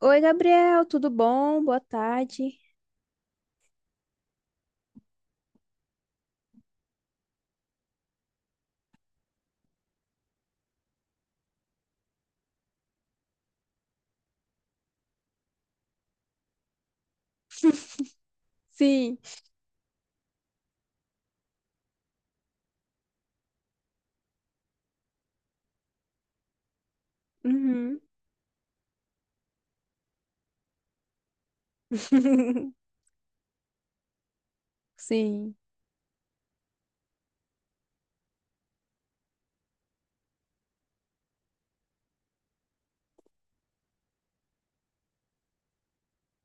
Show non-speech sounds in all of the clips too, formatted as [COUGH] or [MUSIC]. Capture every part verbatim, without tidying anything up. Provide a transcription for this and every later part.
Oi, Gabriel, tudo bom? Boa tarde. Sim. Uhum. [LAUGHS] Sim.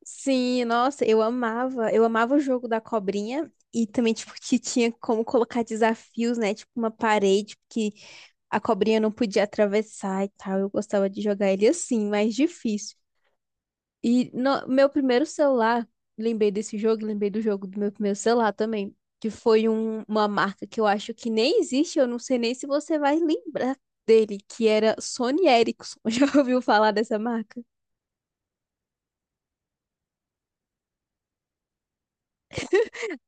Sim, nossa, eu amava. Eu amava o jogo da cobrinha e também, tipo, que tinha como colocar desafios, né? Tipo, uma parede que a cobrinha não podia atravessar e tal. Eu gostava de jogar ele assim, mais difícil. E no meu primeiro celular, lembrei desse jogo, e lembrei do jogo do meu primeiro celular também, que foi um- uma marca que eu acho que nem existe, eu não sei nem se você vai lembrar dele, que era Sony Ericsson. [LAUGHS] Já ouviu falar dessa marca?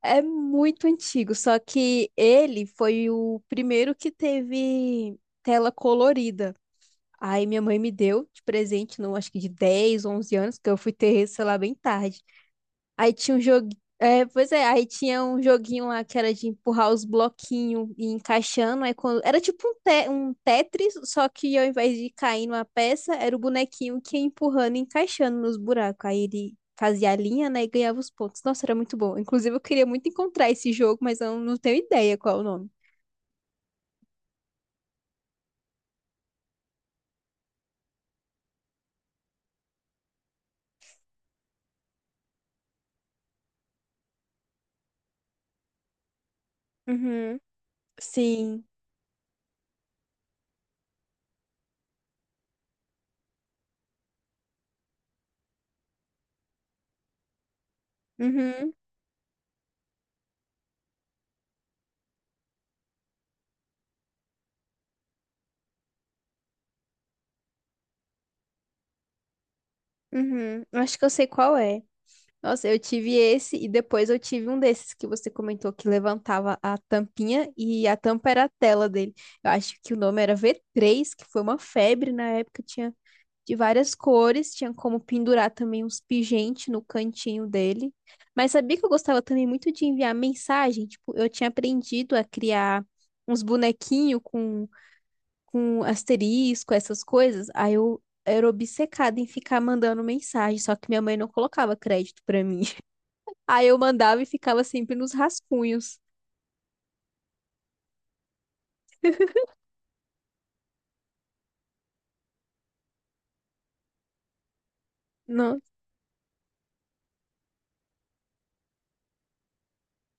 É muito antigo, só que ele foi o primeiro que teve tela colorida. Aí minha mãe me deu de presente, não, acho que de dez, onze anos, que eu fui ter, sei lá, bem tarde. Aí tinha um jogo. É, pois é, aí tinha um joguinho lá que era de empurrar os bloquinhos e encaixando. Aí quando... Era tipo um, te- um Tetris, só que ao invés de cair numa peça, era o bonequinho que ia empurrando e encaixando nos buracos. Aí ele fazia a linha, né, e ganhava os pontos. Nossa, era muito bom. Inclusive, eu queria muito encontrar esse jogo, mas eu não tenho ideia qual é o nome. Uhum. Sim. Uhum. Uhum. Acho que eu sei qual é. Nossa, eu tive esse e depois eu tive um desses que você comentou que levantava a tampinha e a tampa era a tela dele. Eu acho que o nome era V três, que foi uma febre na época, tinha de várias cores, tinha como pendurar também uns pingentes no cantinho dele. Mas sabia que eu gostava também muito de enviar mensagem? Tipo, eu tinha aprendido a criar uns bonequinhos com, com asterisco, essas coisas. Aí eu era obcecada em ficar mandando mensagem, só que minha mãe não colocava crédito pra mim. Aí eu mandava e ficava sempre nos rascunhos. Nossa.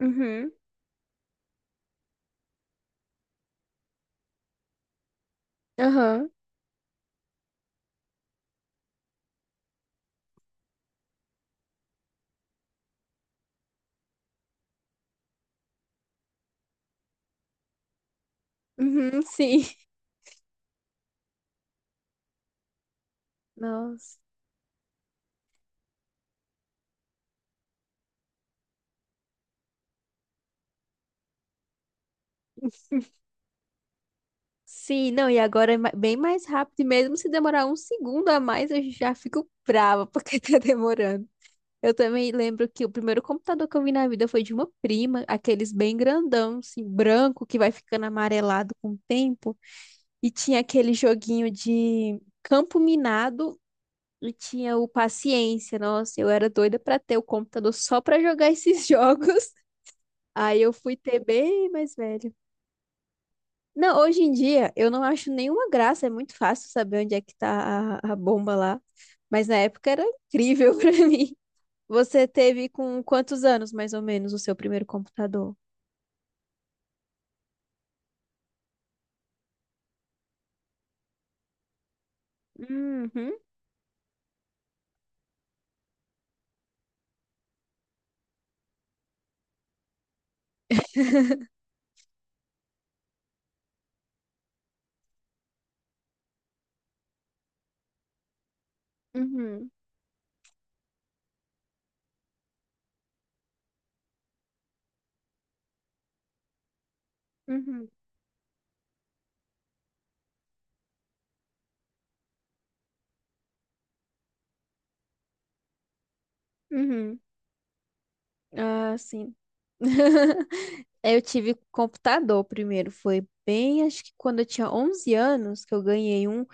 Uhum. Aham. Uhum, sim. Nossa. Sim, não, e agora é ma- bem mais rápido, e mesmo se demorar um segundo a mais, eu já fico brava porque [LAUGHS] tá demorando. Eu também lembro que o primeiro computador que eu vi na vida foi de uma prima, aqueles bem grandão, assim, branco, que vai ficando amarelado com o tempo, e tinha aquele joguinho de campo minado. E tinha o Paciência, nossa, eu era doida pra ter o computador só pra jogar esses [LAUGHS] jogos. Aí eu fui ter bem mais velho. Não, hoje em dia eu não acho nenhuma graça, é muito fácil saber onde é que tá a, a bomba lá. Mas na época era incrível [LAUGHS] pra mim. Você teve com quantos anos, mais ou menos, o seu primeiro computador? Uhum, uhum, uhum, uhum. Ah, sim. [LAUGHS] Eu tive computador primeiro, foi bem, acho que quando eu tinha onze anos que eu ganhei um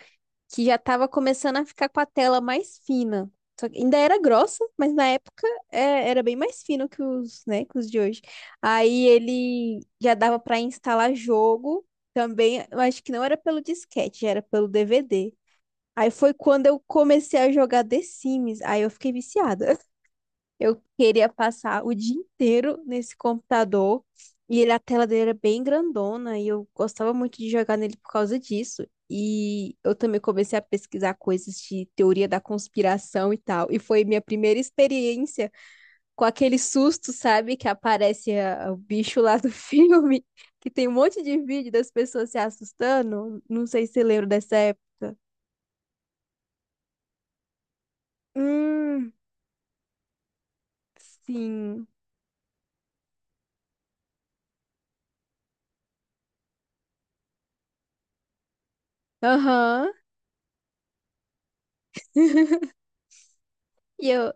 que já estava começando a ficar com a tela mais fina. Só que ainda era grossa, mas na época é, era bem mais fino que os, né, que os de hoje. Aí ele já dava para instalar jogo também, eu acho que não era pelo disquete, já era pelo D V D. Aí foi quando eu comecei a jogar The Sims, aí eu fiquei viciada. Eu queria passar o dia inteiro nesse computador e ele, a tela dele era bem grandona e eu gostava muito de jogar nele por causa disso. E eu também comecei a pesquisar coisas de teoria da conspiração e tal. E foi minha primeira experiência com aquele susto, sabe? Que aparece a- o bicho lá do [LAUGHS] filme, que tem um monte de vídeo das pessoas se assustando. Não sei se você lembra dessa época. Hum, sim. Aham. E eu.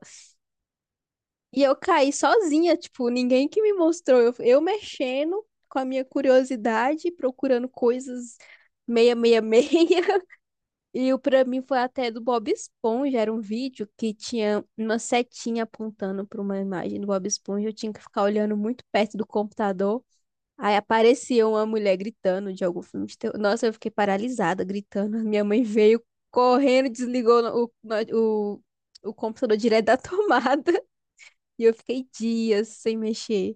E eu caí sozinha, tipo, ninguém que me mostrou. Eu, eu mexendo com a minha curiosidade, procurando coisas meia, meia, meia. [LAUGHS] E o pra mim foi até do Bob Esponja. Era um vídeo que tinha uma setinha apontando pra uma imagem do Bob Esponja. Eu tinha que ficar olhando muito perto do computador. Aí aparecia uma mulher gritando de algum filme de terror. Nossa, eu fiquei paralisada, gritando. Minha mãe veio correndo, desligou o, o, o computador direto da [LAUGHS] tomada. E eu fiquei dias sem mexer.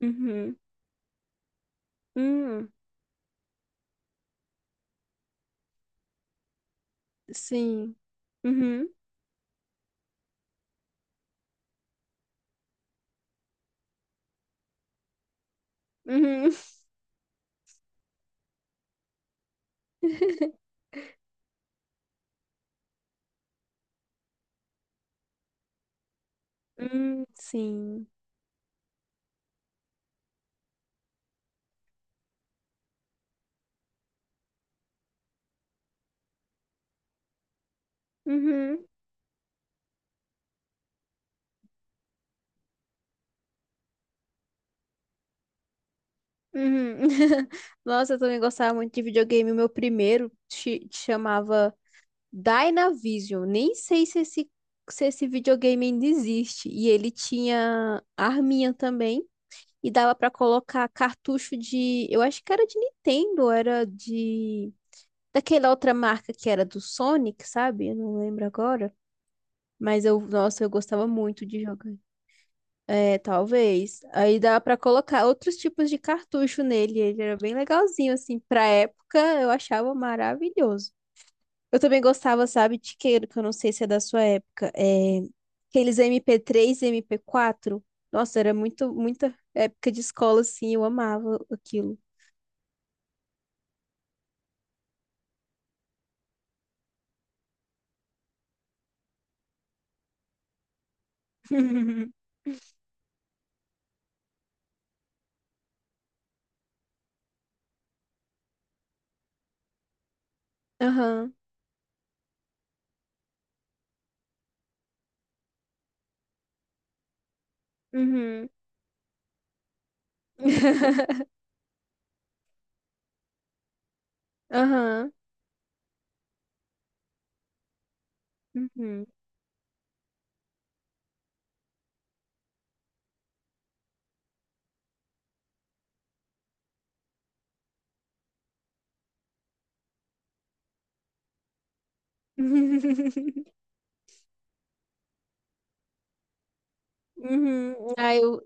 Uhum. Hum. Sim, Uhum. Uhum. Hum, sim. Uhum. Uhum. [LAUGHS] Nossa, eu também gostava muito de videogame. O meu primeiro chi- chamava Dynavision. Nem sei se esse, se esse videogame ainda existe. E ele tinha arminha também. E dava pra colocar cartucho de. Eu acho que era de Nintendo, era de. Daquela outra marca que era do Sonic, sabe? Eu não lembro agora. Mas eu, nossa, eu gostava muito de jogar. É, talvez. Aí dá pra colocar outros tipos de cartucho nele. Ele era bem legalzinho, assim. Pra época, eu achava maravilhoso. Eu também gostava, sabe, de Tiqueiro, que eu não sei se é da sua época. É, aqueles M P três, e M P quatro. Nossa, era muito, muita época de escola, assim. Eu amava aquilo. [LAUGHS] Aham. Uhum. [LAUGHS] Aham. Uhum. [LAUGHS] Uhum. Aí eu,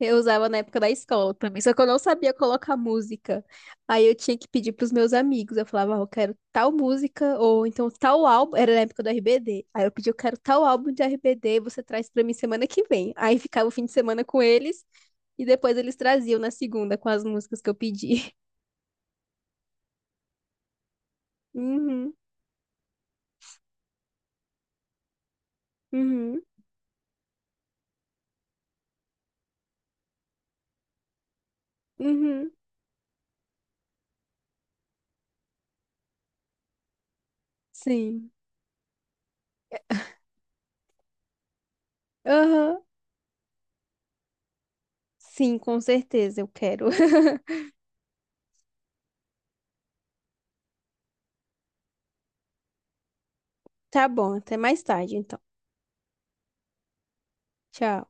eu usava na época da escola também, só que eu não sabia colocar música. Aí eu tinha que pedir pros meus amigos. Eu falava, "Ah, eu quero tal música, ou então tal álbum. Era na época do R B D. Aí eu pedi, eu quero tal álbum de R B D, você traz pra mim semana que vem. Aí ficava o fim de semana com eles, e depois eles traziam na segunda com as músicas que eu pedi. [LAUGHS] Uhum, uhum, uhum. Sim. Aham. Sim, com certeza eu quero. [LAUGHS] Tá bom, até mais tarde então. Tchau.